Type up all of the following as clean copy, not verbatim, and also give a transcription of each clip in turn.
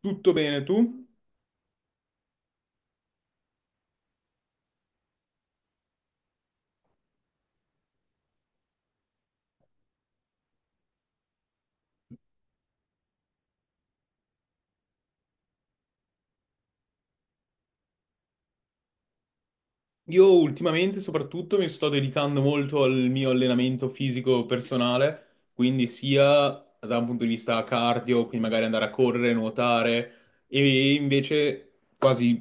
Tutto bene, tu? Io ultimamente soprattutto mi sto dedicando molto al mio allenamento fisico personale, quindi sia da un punto di vista cardio, quindi magari andare a correre, nuotare, e invece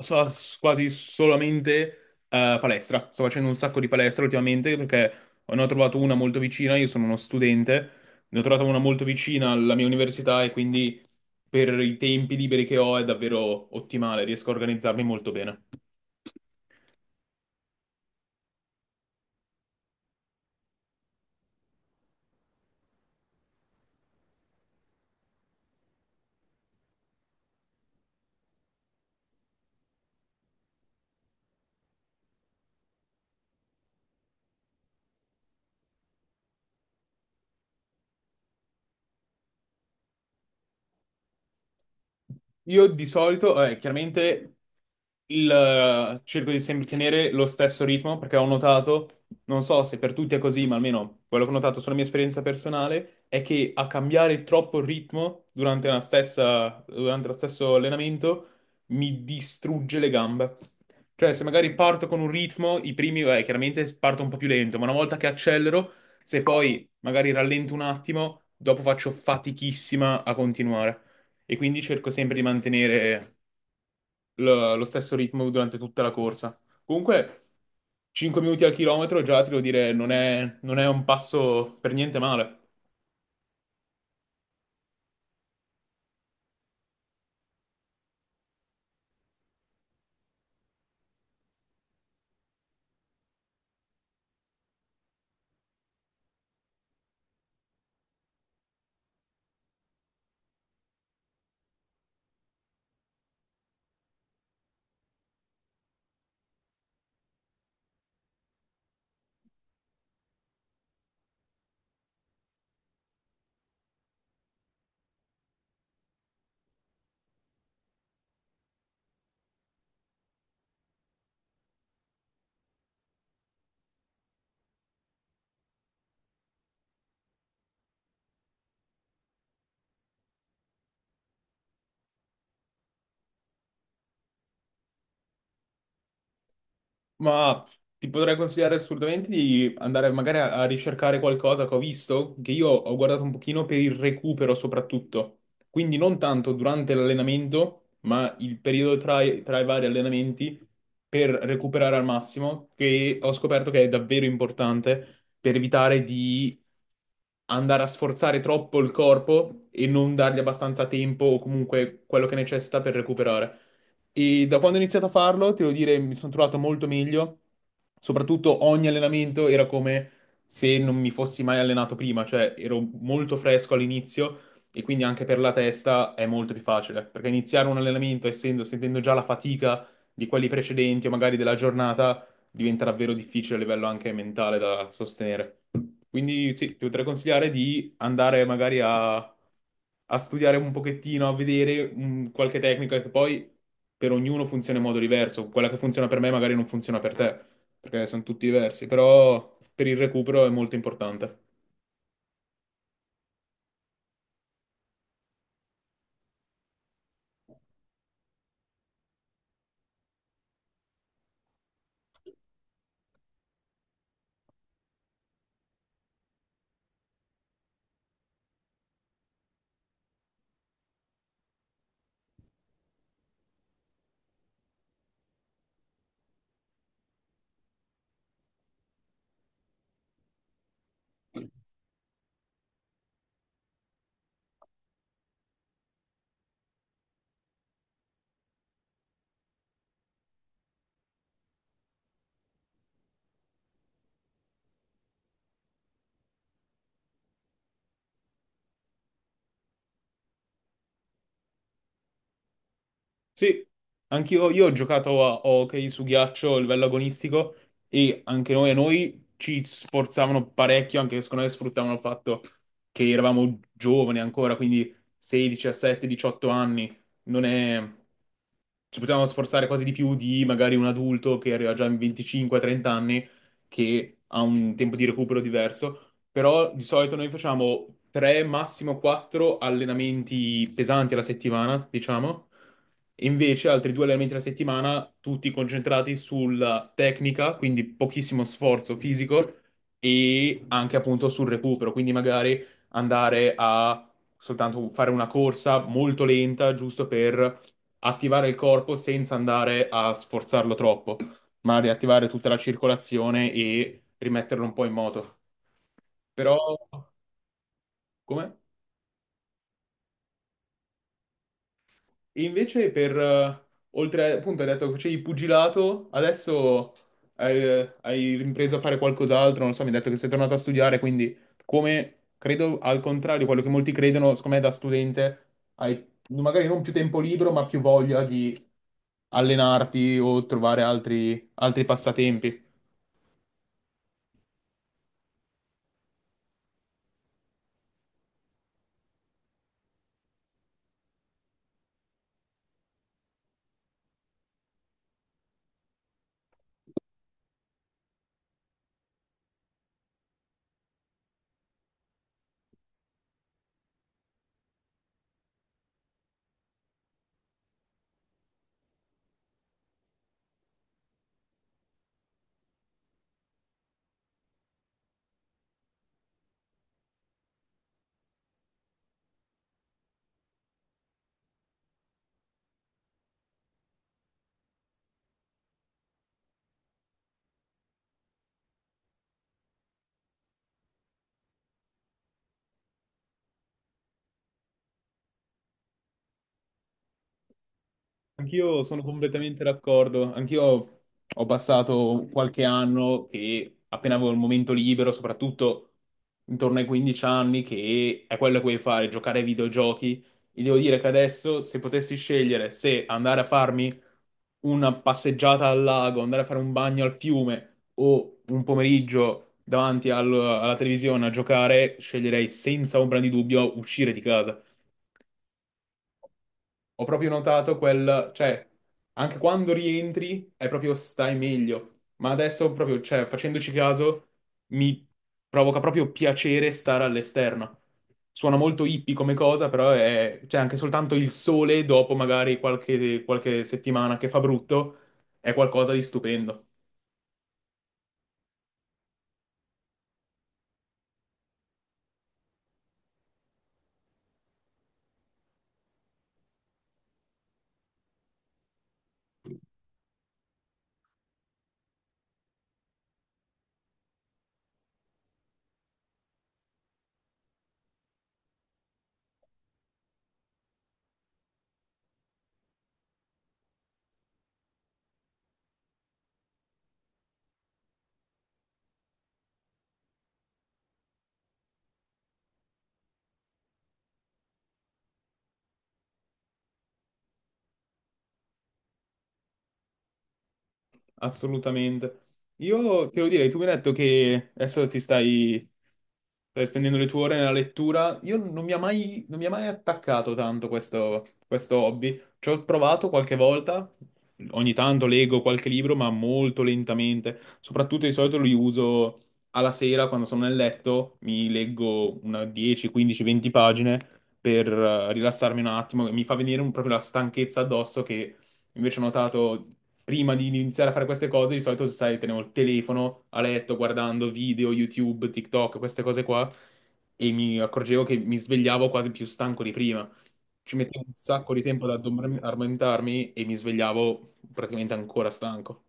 So quasi solamente palestra. Sto facendo un sacco di palestra ultimamente perché ne ho trovato una molto vicina. Io sono uno studente, ne ho trovata una molto vicina alla mia università e quindi per i tempi liberi che ho è davvero ottimale. Riesco a organizzarmi molto bene. Io di solito, chiaramente cerco di sempre tenere lo stesso ritmo perché ho notato, non so se per tutti è così, ma almeno quello che ho notato sulla mia esperienza personale è che a cambiare troppo il ritmo durante lo stesso allenamento mi distrugge le gambe. Cioè, se magari parto con un ritmo, i primi, chiaramente parto un po' più lento, ma una volta che accelero, se poi magari rallento un attimo, dopo faccio fatichissima a continuare e quindi cerco sempre di mantenere lo stesso ritmo durante tutta la corsa. Comunque, 5 minuti al chilometro già ti devo dire, non è un passo per niente male. Ma ti potrei consigliare assolutamente di andare magari a ricercare qualcosa che ho visto, che io ho guardato un pochino per il recupero soprattutto. Quindi non tanto durante l'allenamento, ma il periodo tra i vari allenamenti per recuperare al massimo, che ho scoperto che è davvero importante per evitare di andare a sforzare troppo il corpo e non dargli abbastanza tempo o comunque quello che necessita per recuperare. E da quando ho iniziato a farlo, ti devo dire, mi sono trovato molto meglio. Soprattutto ogni allenamento era come se non mi fossi mai allenato prima, cioè ero molto fresco all'inizio e quindi anche per la testa è molto più facile, perché iniziare un allenamento essendo, sentendo già la fatica di quelli precedenti o magari della giornata diventa davvero difficile a livello anche mentale da sostenere. Quindi sì, ti potrei consigliare di andare magari a studiare un pochettino, a vedere qualche tecnica che poi per ognuno funziona in modo diverso. Quella che funziona per me magari non funziona per te, perché sono tutti diversi, però per il recupero è molto importante. Sì, anch'io io ho giocato a hockey su ghiaccio a livello agonistico e anche noi, a noi ci sforzavano parecchio, anche secondo me sfruttavano il fatto che eravamo giovani ancora, quindi 16, 17, 18 anni, non è... ci potevamo sforzare quasi di più di magari un adulto che arriva già in 25, 30 anni, che ha un tempo di recupero diverso però di solito noi facciamo 3, massimo 4 allenamenti pesanti alla settimana, diciamo, e invece altri due allenamenti alla settimana, tutti concentrati sulla tecnica, quindi pochissimo sforzo fisico e anche appunto sul recupero, quindi magari andare a soltanto fare una corsa molto lenta, giusto per attivare il corpo senza andare a sforzarlo troppo, ma riattivare tutta la circolazione e rimetterlo un po' in moto. Però, come? E invece per, oltre, appunto, hai detto che facevi pugilato, adesso hai ripreso a fare qualcos'altro, non so, mi hai detto che sei tornato a studiare, quindi come, credo, al contrario, quello che molti credono, secondo me da studente hai magari non più tempo libero, ma più voglia di allenarti o trovare altri, altri passatempi. Anch'io sono completamente d'accordo. Anch'io ho passato qualche anno che appena avevo il momento libero, soprattutto intorno ai 15 anni, che è quello che vuoi fare, giocare ai videogiochi. E devo dire che adesso, se potessi scegliere se andare a farmi una passeggiata al lago, andare a fare un bagno al fiume o un pomeriggio davanti alla televisione a giocare, sceglierei senza ombra di dubbio uscire di casa. Ho proprio notato quel, cioè, anche quando rientri è proprio stai meglio, ma adesso proprio, cioè, facendoci caso, mi provoca proprio piacere stare all'esterno. Suona molto hippie come cosa, però è, cioè, anche soltanto il sole dopo magari qualche settimana che fa brutto, è qualcosa di stupendo. Assolutamente. Io te lo direi, tu mi hai detto che adesso ti stai, stai spendendo le tue ore nella lettura. Io non mi ha mai, non mi ha mai attaccato tanto questo hobby. Ci ho provato qualche volta, ogni tanto leggo qualche libro, ma molto lentamente. Soprattutto di solito li uso alla sera quando sono nel letto, mi leggo una 10, 15, 20 pagine per rilassarmi un attimo. Mi fa venire proprio la stanchezza addosso che invece ho notato prima di iniziare a fare queste cose, di solito, sai, tenevo il telefono a letto guardando video, YouTube, TikTok, queste cose qua, e mi accorgevo che mi svegliavo quasi più stanco di prima. Ci mettevo un sacco di tempo ad addormentarmi e mi svegliavo praticamente ancora stanco.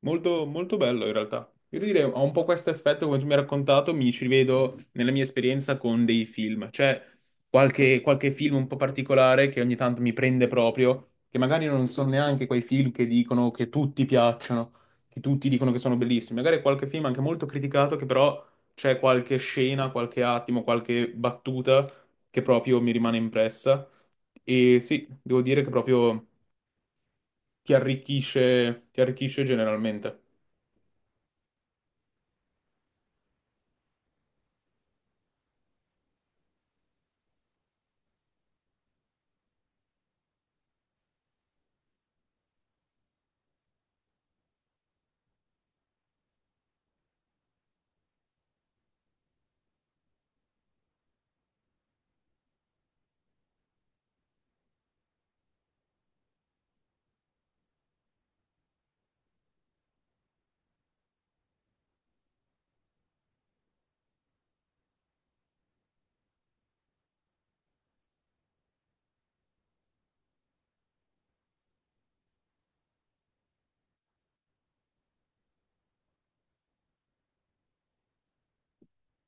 Molto, molto bello in realtà. Io direi, ha un po' questo effetto, come tu mi hai raccontato, mi ci rivedo nella mia esperienza con dei film. C'è qualche film un po' particolare che ogni tanto mi prende proprio, che magari non sono neanche quei film che dicono che tutti piacciono, che tutti dicono che sono bellissimi. Magari è qualche film anche molto criticato, che però c'è qualche scena, qualche attimo, qualche battuta che proprio mi rimane impressa. E sì, devo dire che proprio ti arricchisce generalmente.